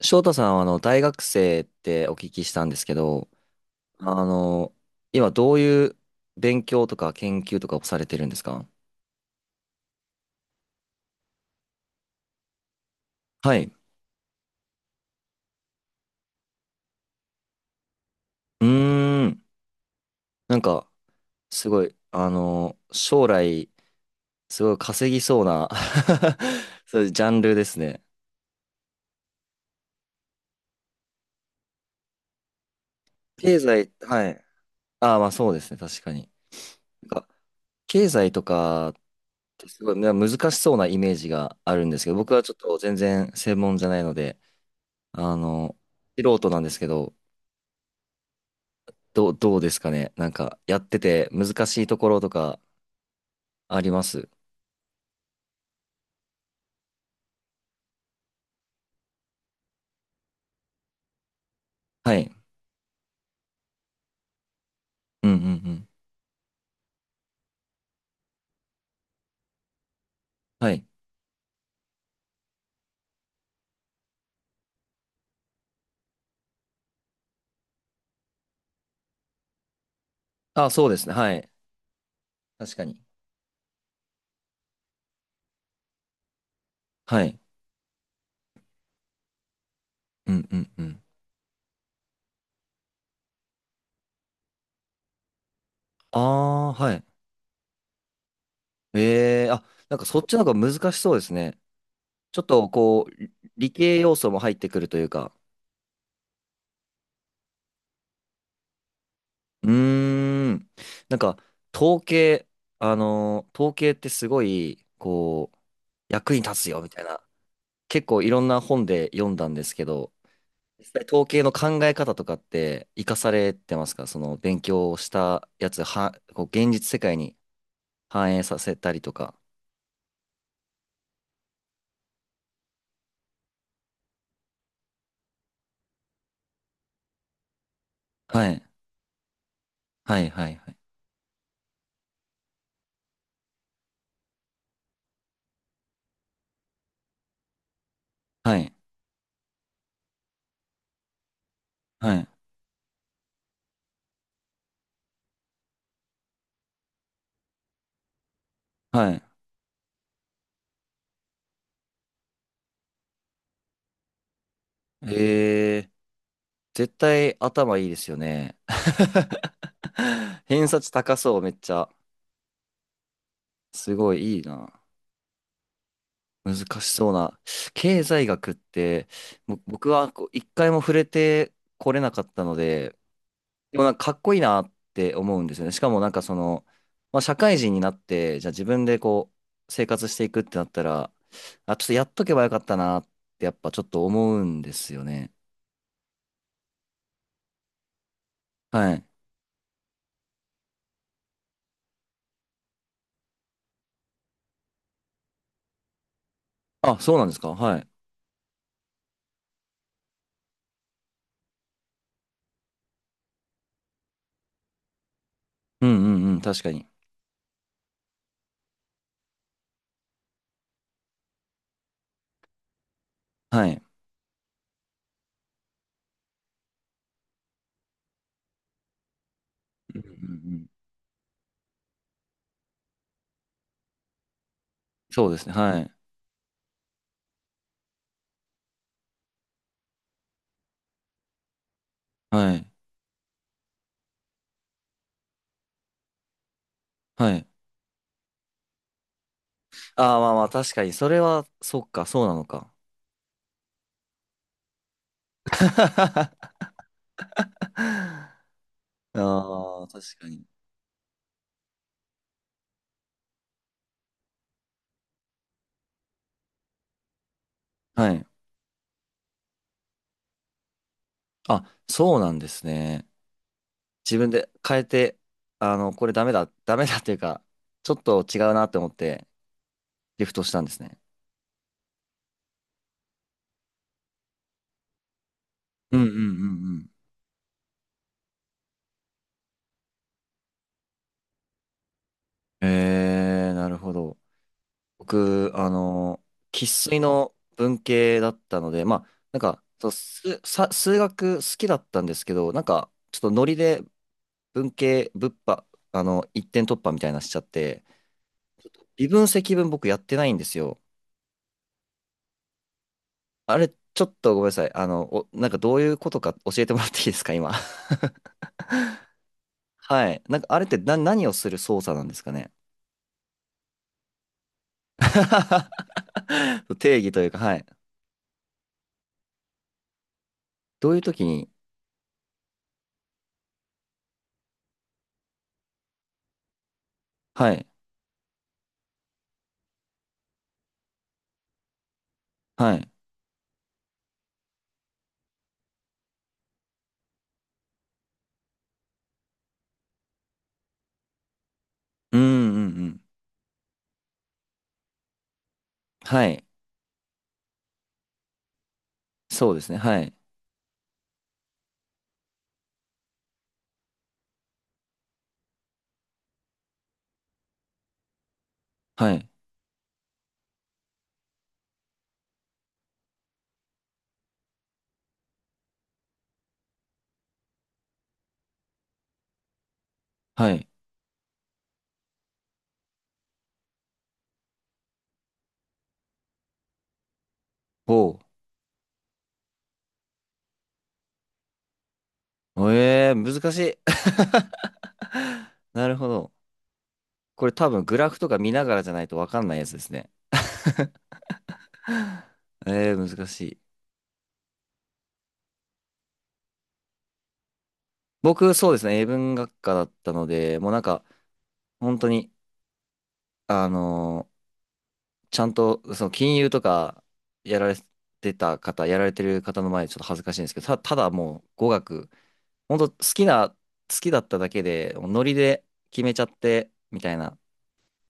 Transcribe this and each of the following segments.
翔太さんは大学生ってお聞きしたんですけど、あの、今どういう勉強とか研究とかをされてるんですか？はい。うーん。なんか、すごい、将来、すごい稼ぎそうな そういうジャンルですね。経済、はい。ああ、まあそうですね、確かに。なんか、経済とかってすごいね難しそうなイメージがあるんですけど、僕はちょっと全然専門じゃないので、あの、素人なんですけど、どうですかね。なんか、やってて難しいところとかあります？はい。うんうんうん。はい。あ、そうですね。はい。確かに。はい。うんうんうん。ああ、はい。ええあ、なんかそっちの方が難しそうですね。ちょっとこう、理系要素も入ってくるというか。うーん。なんか、統計、あのー統計ってすごい、こう、役に立つよみたいな、結構いろんな本で読んだんですけど、実際統計の考え方とかって活かされてますか？その勉強したやつは、こう現実世界に反映させたりとか。はい。はい、はい、はい。はい、はい、はい。えー、絶対頭いいですよね。偏差値高そう、めっちゃ。すごいいいな。難しそうな。経済学って、僕はこう一回も触れてこれなかったので、でもなんかかっこいいなって思うんですよね。しかもなんかまあ、社会人になって、じゃあ自分でこう生活していくってなったら、あ、ちょっとやっとけばよかったなってやっぱちょっと思うんですよね。はい。あ、そうなんですか。はい。うんうんうん。確かに。はい。うんうんうん。そうですね。はい。はい。はい。ああ、まあまあ、確かに。それは、そっか、そうなのか。ああ、確かに。はい。あ、そうなんですね。自分で変えて、これダメだ、ダメだっていうか、ちょっと違うなって思ってリフトしたんですね。うんうんうんうん。なるほど。僕、生粋の文系だったので、まあ、なんか、数学好きだったんですけど、なんか、ちょっとノリで文系、物破、あの、一点突破みたいなのしちゃって、微分積分僕やってないんですよ。あれ、ちょっとごめんなさい。なんかどういうことか教えてもらっていいですか、今？はい。なんか、あれって何をする操作なんですかね。定義というか、はい。どういう時に、はい、はい。うんうんうん。はい。そうですね。はい。はい。はい。おう。ええー難しい。なるほど。これ多分グラフとか見ながらじゃないとわかんないやつですね。ええー難しい。僕、そうですね。英文学科だったので、もうなんか、本当に、あのーちゃんと、その金融とかやられてた方、やられてる方の前でちょっと恥ずかしいんですけど、ただもう語学、本当好きな、好きだっただけで、もうノリで決めちゃって、みたいな、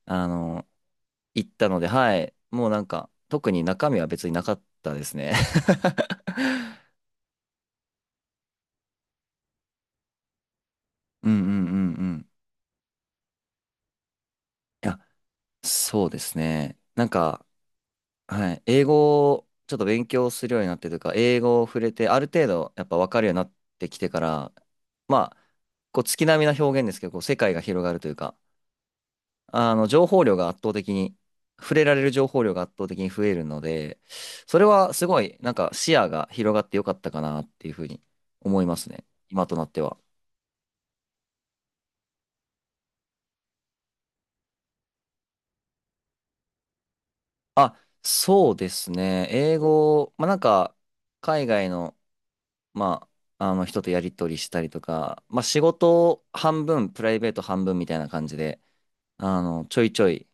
あの、言ったので、はい、もうなんか、特に中身は別になかったですね。うんうんうんうん。いや、そうですね。なんか、はい。英語をちょっと勉強するようになってというか、英語を触れて、ある程度やっぱ分かるようになってきてから、まあ、こう月並みな表現ですけど、こう世界が広がるというか、情報量が圧倒的に、触れられる情報量が圧倒的に増えるので、それはすごい、なんか視野が広がってよかったかなっていうふうに思いますね。今となっては。あ、そうですね。英語、まあなんか、海外のまあの人とやり取りしたりとか、まあ仕事半分、プライベート半分みたいな感じで、ちょいちょい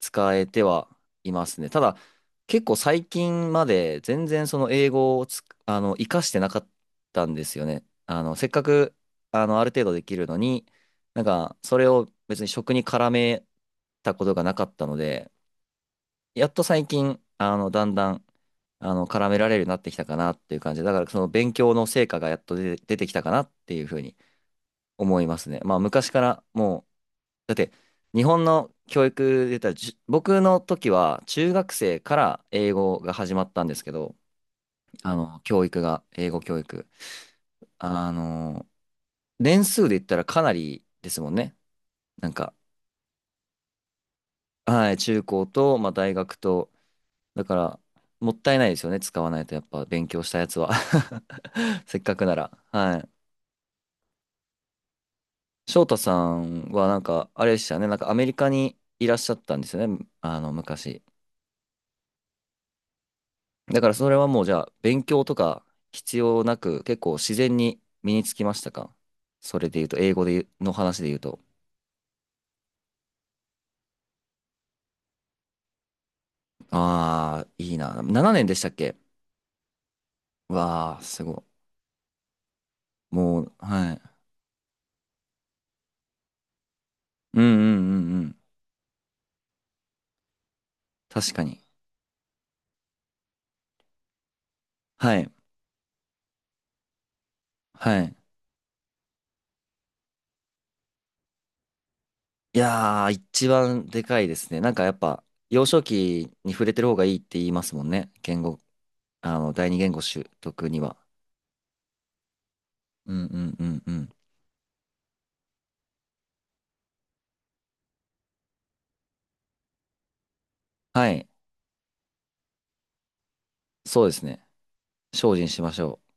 使えてはいますね。ただ、結構最近まで全然その英語をつ、あの、活かしてなかったんですよね。せっかく、ある程度できるのに、なんか、それを別に職に絡めたことがなかったので、やっと最近、だんだん、絡められるようになってきたかなっていう感じで、だからその勉強の成果がやっと出てきたかなっていうふうに思いますね。まあ、昔からもう、だって、日本の教育で言ったら、僕の時は中学生から英語が始まったんですけど、教育が、英語教育。あの、年数で言ったらかなりですもんね。なんか、はい、中高と、まあ、大学と、だから、もったいないですよね。使わないとやっぱ勉強したやつは せっかくなら。はい。翔太さんはなんか、あれでしたよね。なんかアメリカにいらっしゃったんですよね。昔。だからそれはもうじゃあ、勉強とか必要なく、結構自然に身につきましたか？それで言うと、英語で言うの話で言うと。ああ、いいな。7年でしたっけ？わあ、すごい。もう、はい。うんうんうんうん。確かに。はい。はい。いやー、一番でかいですね。なんかやっぱ、幼少期に触れてる方がいいって言いますもんね。言語、第二言語習得には。うんうんうんうん。はい。そうですね。精進しましょう。